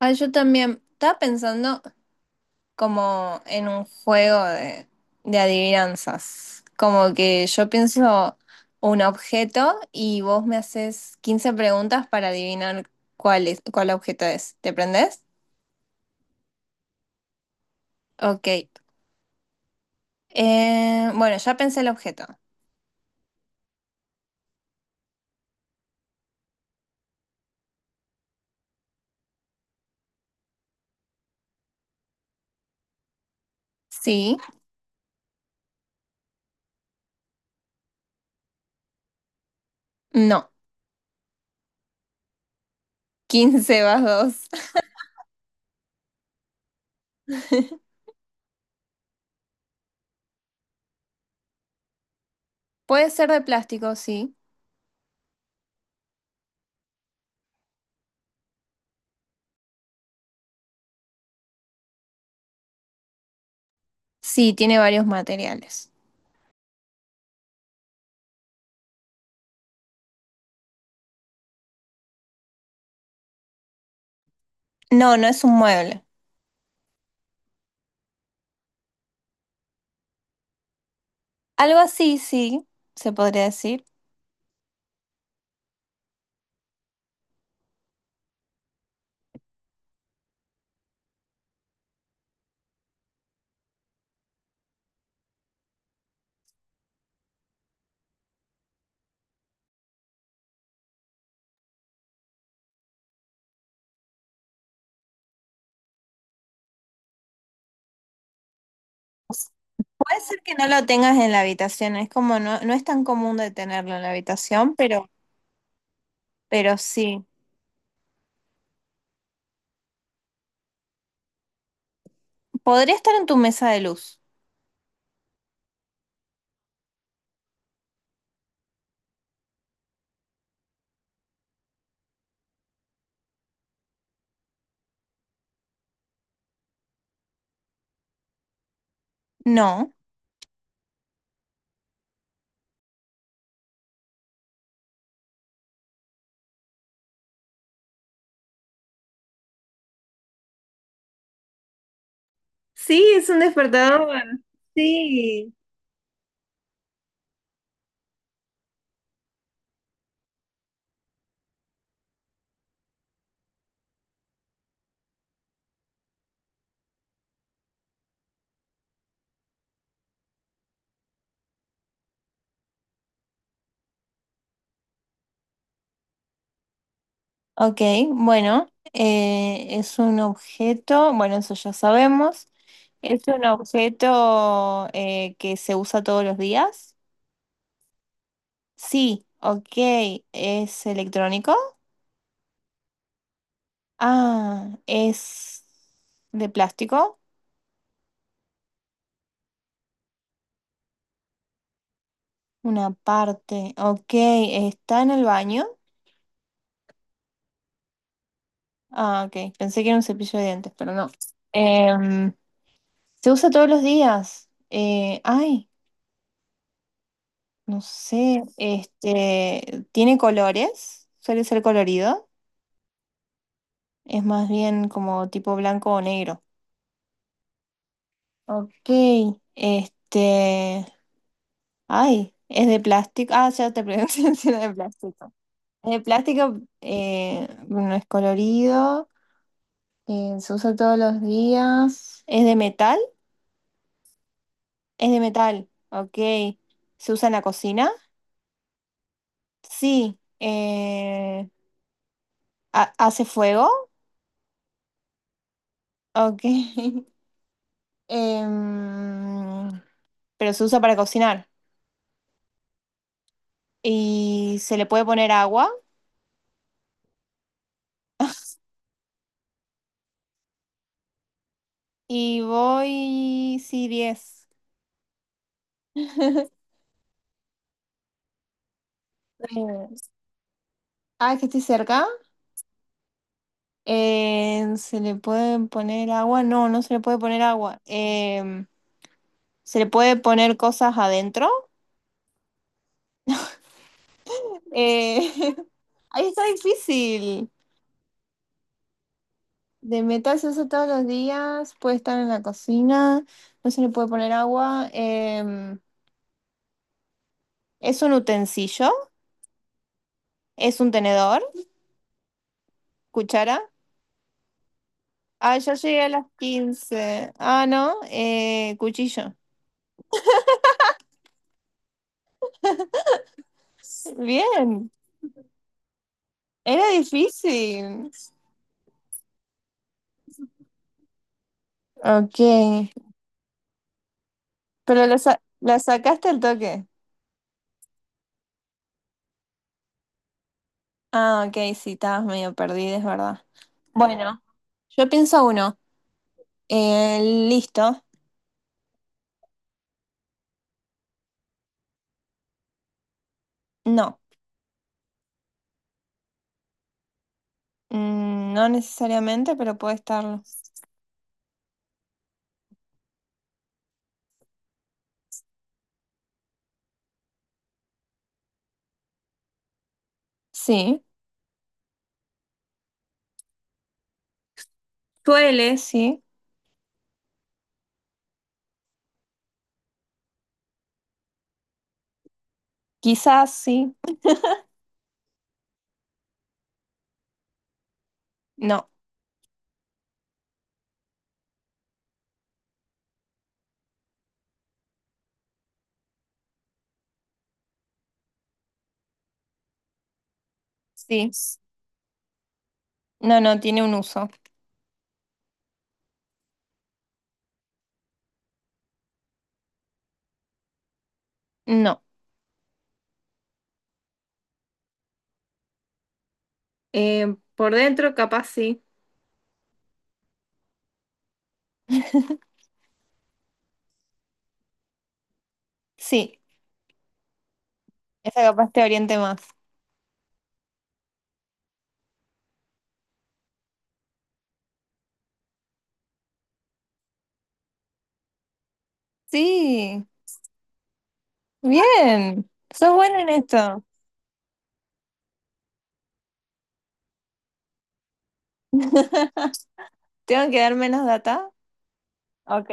Ah, yo también estaba pensando como en un juego de adivinanzas. Como que yo pienso un objeto y vos me haces 15 preguntas para adivinar cuál objeto es. ¿Te prendés? Ok. Bueno, ya pensé el objeto. Sí, no. 15 más 2. Puede ser de plástico, sí. Sí, tiene varios materiales. No, no es un mueble. Algo así, sí, se podría decir. Puede ser que no lo tengas en la habitación, es como no, no es tan común de tenerlo en la habitación, pero sí. ¿Podría estar en tu mesa de luz? No. Sí, es un despertador. Sí. Ok, bueno, es un objeto, bueno, eso ya sabemos. ¿Es un objeto que se usa todos los días? Sí, ok. ¿Es electrónico? Ah, ¿es de plástico? Una parte. Ok, ¿está en el baño? Ah, ok. Pensé que era un cepillo de dientes, pero no. Em, ¿Se usa todos los días? Ay, no sé. Este, ¿tiene colores? ¿Suele ser colorido? Es más bien como tipo blanco o negro. Ok. Este, ay, ¿es de plástico? Ah, ya te pregunté si era de plástico. Es de plástico, no es colorido. Se usa todos los días. ¿Es de metal? Es de metal. Ok. ¿Se usa en la cocina? Sí. ¿Hace fuego? Ok. Em, pero se usa para cocinar. Y se le puede poner agua. Y voy. Sí, 10. Eh, Ah, es que estoy cerca. ¿Se le puede poner agua? No, no se le puede poner agua. ¿Se le puede poner cosas adentro? Eh, Ahí está difícil. De metas eso todos los días, puede estar en la cocina, no se le puede poner agua. Es un utensilio, es un tenedor, cuchara. Ah, ya llegué a las 15. Ah, no, cuchillo. Bien, era difícil. Ok, pero la sacaste al toque. Ah, ok, sí, estabas medio perdida, es verdad. Bueno, yo pienso uno. Eh, Listo. No. No necesariamente, pero puede estarlo. Sí. Suele, sí. Quizás sí. No. Sí. No, no, tiene un uso. No. Por dentro, capaz sí. Sí. Esa capaz te oriente más. Sí. Bien. Sos bueno en esto. ¿Tengo que dar menos data? Ok.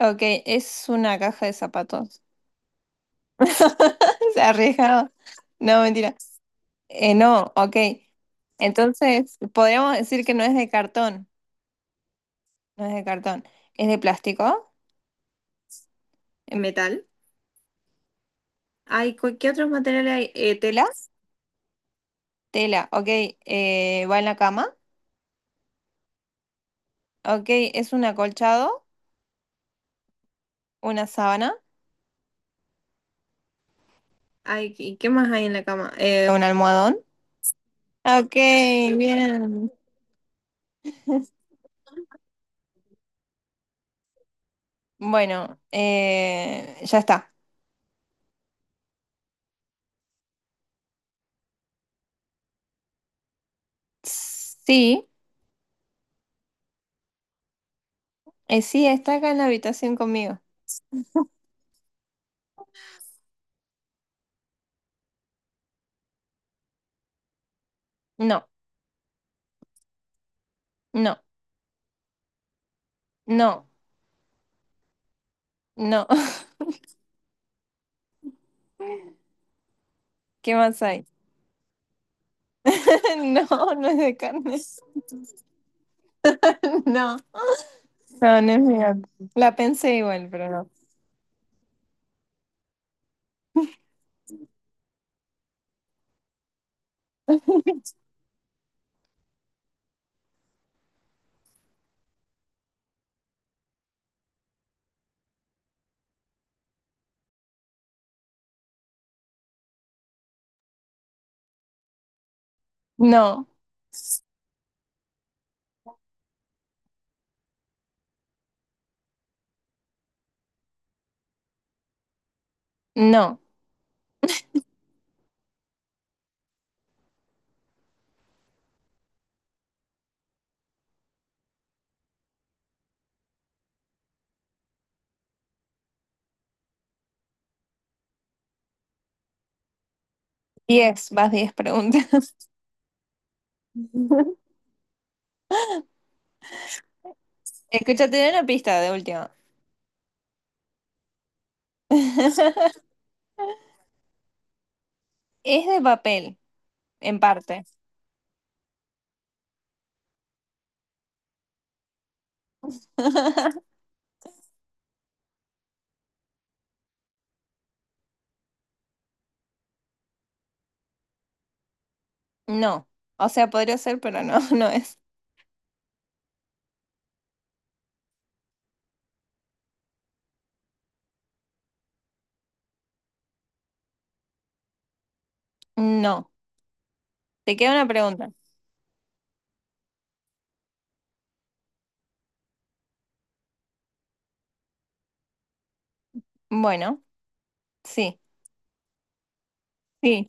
Ok, es una caja de zapatos. Se arriesgado. No, mentira. No, ok. Entonces, podríamos decir que no es de cartón. No es de cartón, es de plástico, en metal. Ay, ¿qué otros materiales hay? Tela, tela, ok, va en la cama, ok, es un acolchado, una sábana. Ay, ¿y qué más hay en la cama? Un almohadón. Ok, bien. Bueno, ya está. Sí, sí, está acá en la habitación conmigo. No, no, no, no. ¿Qué más hay? No, no es de carne. No. No, no es mi gato. La pensé igual, pero no. No, no. 10, vas 10 preguntas. Escúchate una pista de última. Es de papel, en parte. No. O sea, podría ser, pero no, no es. No. Te queda una pregunta. Bueno, sí, sí.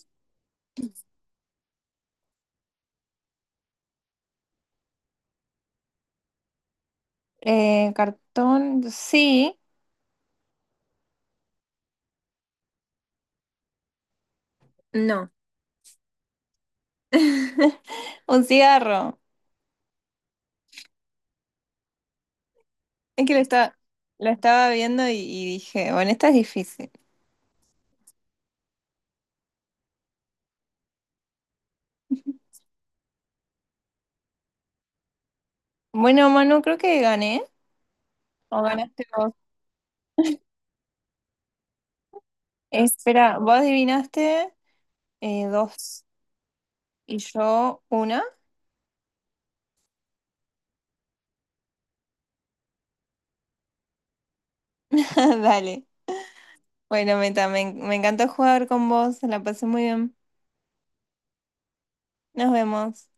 Cartón, sí. No. Un cigarro. Es que lo estaba viendo y dije, bueno, esta es difícil. Bueno, Manu, creo que gané. No ganaste vos. Espera, vos adivinaste dos y yo una. Dale. Bueno, Meta, me encantó jugar con vos, la pasé muy bien. Nos vemos.